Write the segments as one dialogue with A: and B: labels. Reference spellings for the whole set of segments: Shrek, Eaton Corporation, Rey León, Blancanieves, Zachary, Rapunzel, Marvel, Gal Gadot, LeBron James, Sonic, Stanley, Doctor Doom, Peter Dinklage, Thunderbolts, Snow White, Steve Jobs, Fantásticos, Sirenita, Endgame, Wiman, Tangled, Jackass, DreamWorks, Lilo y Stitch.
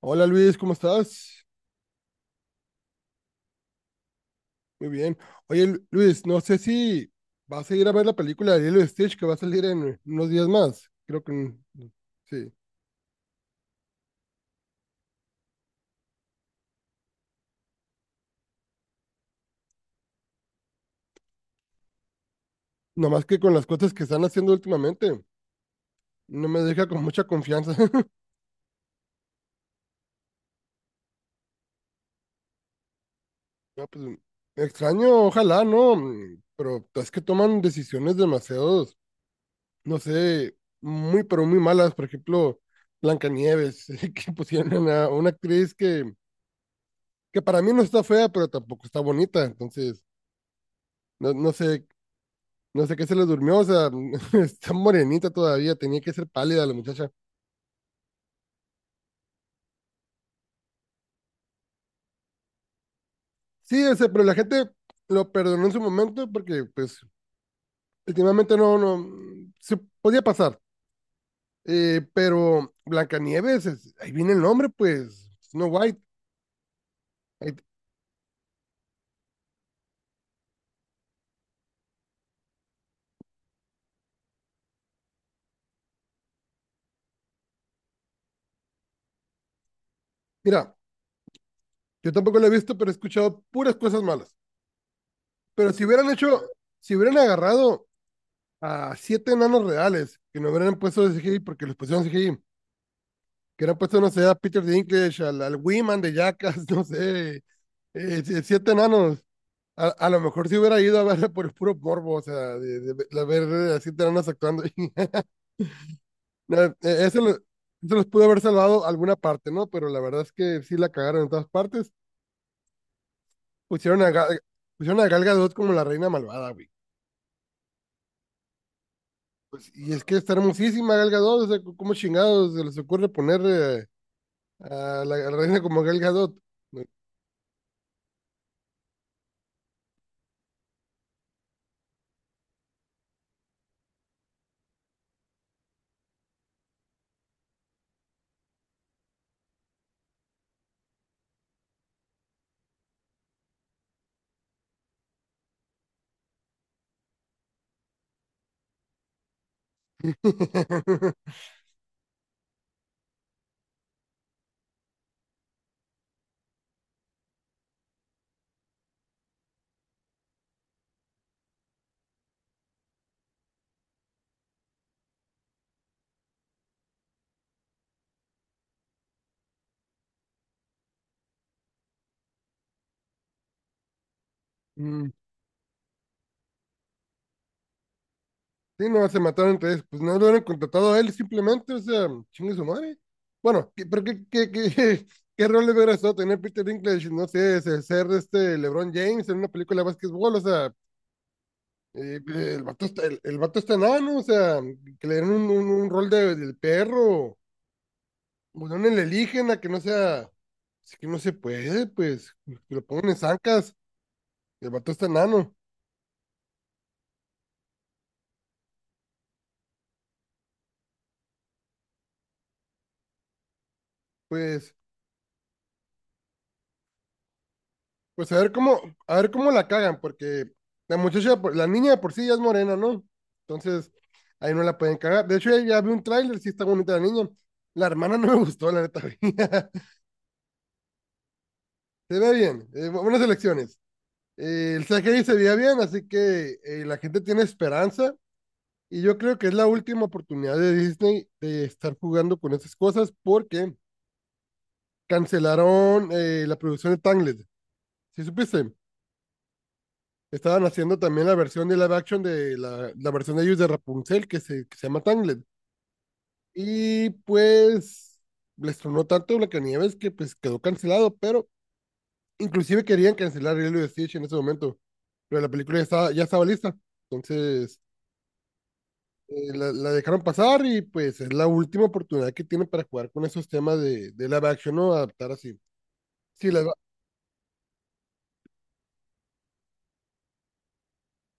A: Hola Luis, ¿cómo estás? Muy bien. Oye Luis, no sé si vas a ir a ver la película de Lilo y Stitch que va a salir en unos días más. Creo que sí. Nomás que con las cosas que están haciendo últimamente, no me deja con mucha confianza. No, pues, extraño, ojalá, ¿no? Pero es que toman decisiones demasiados, no sé, muy, pero muy malas. Por ejemplo, Blancanieves, que pusieron a una actriz que para mí no está fea, pero tampoco está bonita. Entonces, no, no sé No sé qué se le durmió, o sea, está morenita todavía, tenía que ser pálida la muchacha. Sí, o sea, pero la gente lo perdonó en su momento porque, pues, últimamente no, se podía pasar. Pero Blancanieves, ahí viene el nombre, pues, Snow White. Ahí- mira, yo tampoco lo he visto, pero he escuchado puras cosas malas. Pero si hubieran agarrado a siete enanos reales, que no hubieran puesto de CGI porque los pusieron CGI, que hubieran puesto, no sé, a Peter Dinklage, al Wiman de Jackass, no sé, siete enanos. A lo mejor si hubiera ido a ver por el puro morbo, o sea, de, de ver a siete enanos actuando. No, eso, eso los pudo haber salvado alguna parte, ¿no? Pero la verdad es que sí la cagaron en todas partes. Pusieron a, Ga- pusieron a Gal Gadot como la reina malvada, güey. Pues, y es que está hermosísima Gal Gadot, o sea, ¿cómo chingados se les ocurre poner a la reina como Gal Gadot? Mm. Sí, no, se mataron entre ellos. Pues no lo hubieran contratado a él simplemente, o sea, chingue su madre. Bueno, pero qué rol le hubiera estado tener Peter Dinklage? No sé, ser este LeBron James en una película de básquetbol, o sea, el vato está enano, o sea, que le den un, rol de, del perro, o no le eligen a que no sea, es que no se puede, pues, que lo pongan en zancas, el vato está enano, pues. Pues a ver cómo la cagan, porque la muchacha, la niña de por sí ya es morena, ¿no? Entonces, ahí no la pueden cagar. De hecho, ya vi un tráiler, sí está bonita la niña. La hermana no me gustó, la neta. Se ve bien, buenas elecciones. El Zachary se veía bien, así que la gente tiene esperanza. Y yo creo que es la última oportunidad de Disney de estar jugando con esas cosas porque cancelaron la producción de Tangled. ¿Sí supiste? Estaban haciendo también la versión de live action de la versión de ellos de Rapunzel, que se llama Tangled. Y pues les tronó tanto Blancanieves que pues quedó cancelado, pero inclusive querían cancelar Lilo y Stitch en ese momento. Pero la película ya estaba lista. Entonces la dejaron pasar y pues es la última oportunidad que tienen para jugar con esos temas de live action, ¿no? Adaptar así. Sí, la,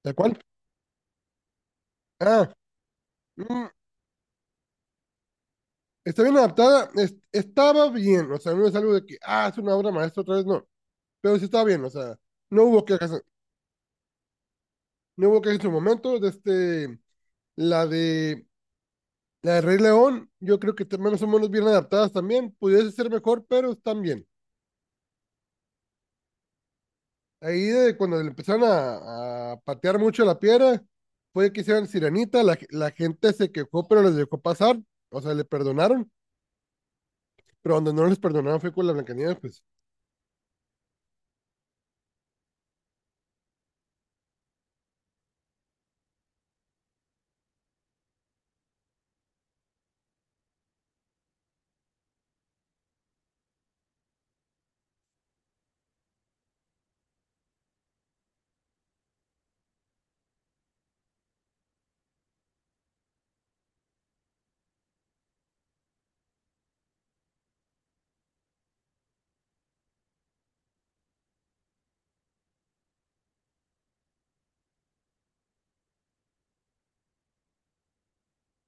A: la cual. Ah, mm, está bien adaptada. Estaba bien. O sea, no es algo de que, ah, es una obra maestra otra vez, no. Pero sí estaba bien, o sea, no hubo quejas, no hubo quejas en su momento, de este, la de, la de Rey León, yo creo que menos o menos bien adaptadas también, pudiese ser mejor, pero están bien. Ahí de cuando le empezaron a patear mucho la piedra, fue que hicieron Sirenita, la gente se quejó, pero les dejó pasar, o sea, le perdonaron, pero donde no les perdonaron fue con la Blancanieves, pues,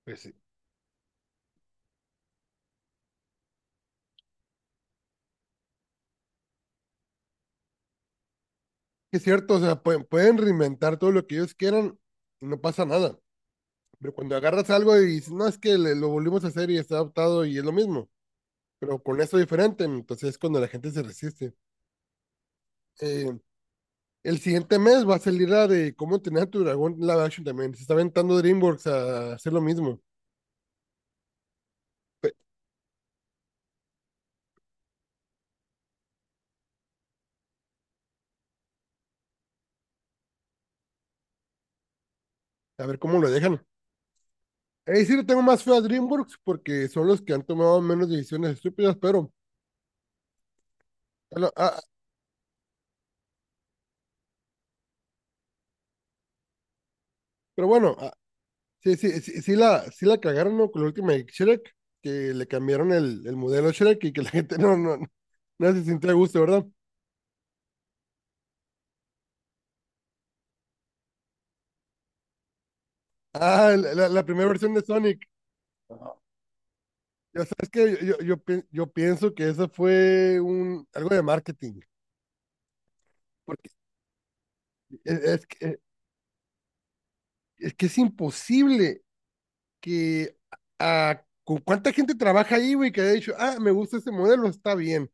A: sí. Es cierto, o sea, pueden reinventar todo lo que ellos quieran y no pasa nada. Pero cuando agarras algo y dices, no, es que lo volvimos a hacer y está adaptado y es lo mismo, pero con eso diferente, entonces es cuando la gente se resiste. Eh, el siguiente mes va a salir la de cómo entrenar a tu dragón live action también. Se está aventando DreamWorks a hacer lo mismo. Pe- A ver cómo lo dejan. Ahí sí le tengo más fe a DreamWorks porque son los que han tomado menos decisiones estúpidas, pero, ah, pero, sí, sí, sí, sí la cagaron, ¿no? Con la última de Shrek, que le cambiaron el modelo Shrek y que la gente no se sintió a gusto, ¿verdad? Ah, la primera versión de Sonic. Ya sabes que yo pienso que eso fue algo de marketing, porque es, es que, e, es que es imposible que con cuánta gente trabaja ahí, güey, que haya dicho, ah, me gusta ese modelo, está bien.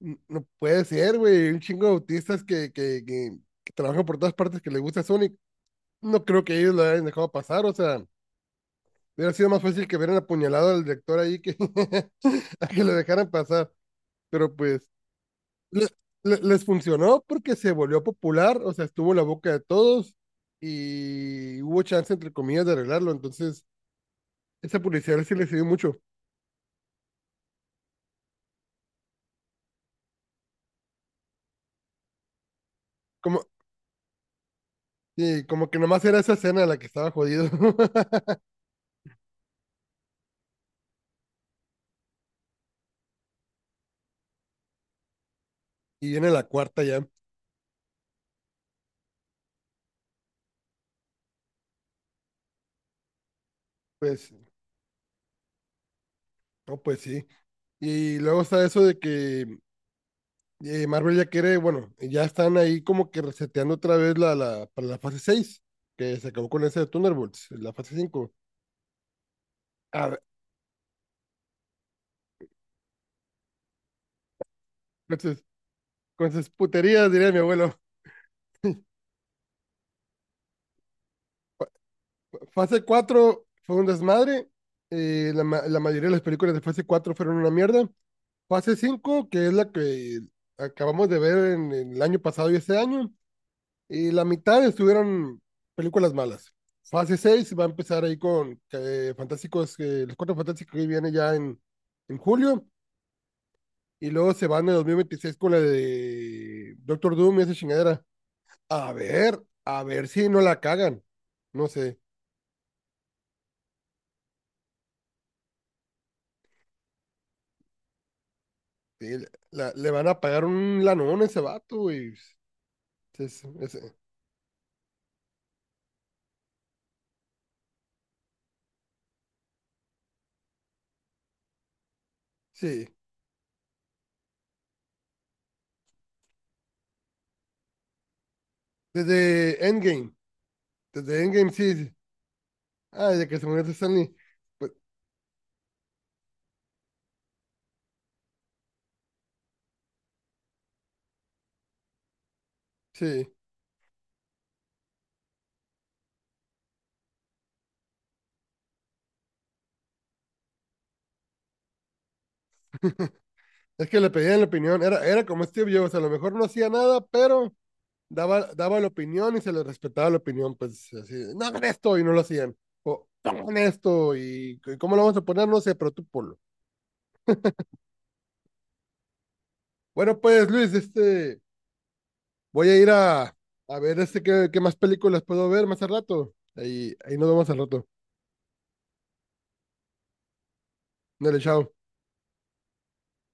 A: No puede ser, güey, un chingo de autistas que trabajan por todas partes que les gusta Sonic. No creo que ellos lo hayan dejado pasar, o sea, hubiera sido más fácil que hubieran apuñalado al director ahí que, a que lo dejaran pasar, pero pues... le- les funcionó porque se volvió popular, o sea, estuvo en la boca de todos y hubo chance, entre comillas, de arreglarlo. Entonces, esa publicidad sí le sirvió mucho. Como, y como que nomás era esa escena la que estaba jodido. Y viene la cuarta ya. Pues, no, pues sí. Y luego está eso de que Marvel ya quiere, bueno, ya están ahí como que reseteando otra vez para la fase 6 que se acabó con ese de Thunderbolts, la fase cinco. A ver, entonces, con sus puterías, diría mi abuelo. Fase 4 fue un desmadre. La mayoría de las películas de fase 4 fueron una mierda. Fase 5, que es la que acabamos de ver en el año pasado y este año, y la mitad estuvieron películas malas. Fase 6 va a empezar ahí con Fantásticos, los cuatro fantásticos que viene ya en julio, y luego se van en 2026 con la de Doctor Doom y esa chingadera. A ver si no la cagan. No sé. Sí, le van a pagar un lanón a ese vato, güey. Es- es- sí. Desde Endgame. Desde Endgame, sí. Sí. Ah, desde que se murió Stanley. Pues, sí. Es que le pedían la opinión. Era como Steve Jobs. A lo mejor no hacía nada, pero daba la opinión y se le respetaba la opinión. Pues así, no hagan esto y no lo hacían. O pongan esto y cómo lo vamos a poner, no sé, pero tú ponlo. Bueno, pues Luis, este, voy a ir a ver este qué, más películas puedo ver más al rato. Ahí nos vemos al rato. Dale, chao.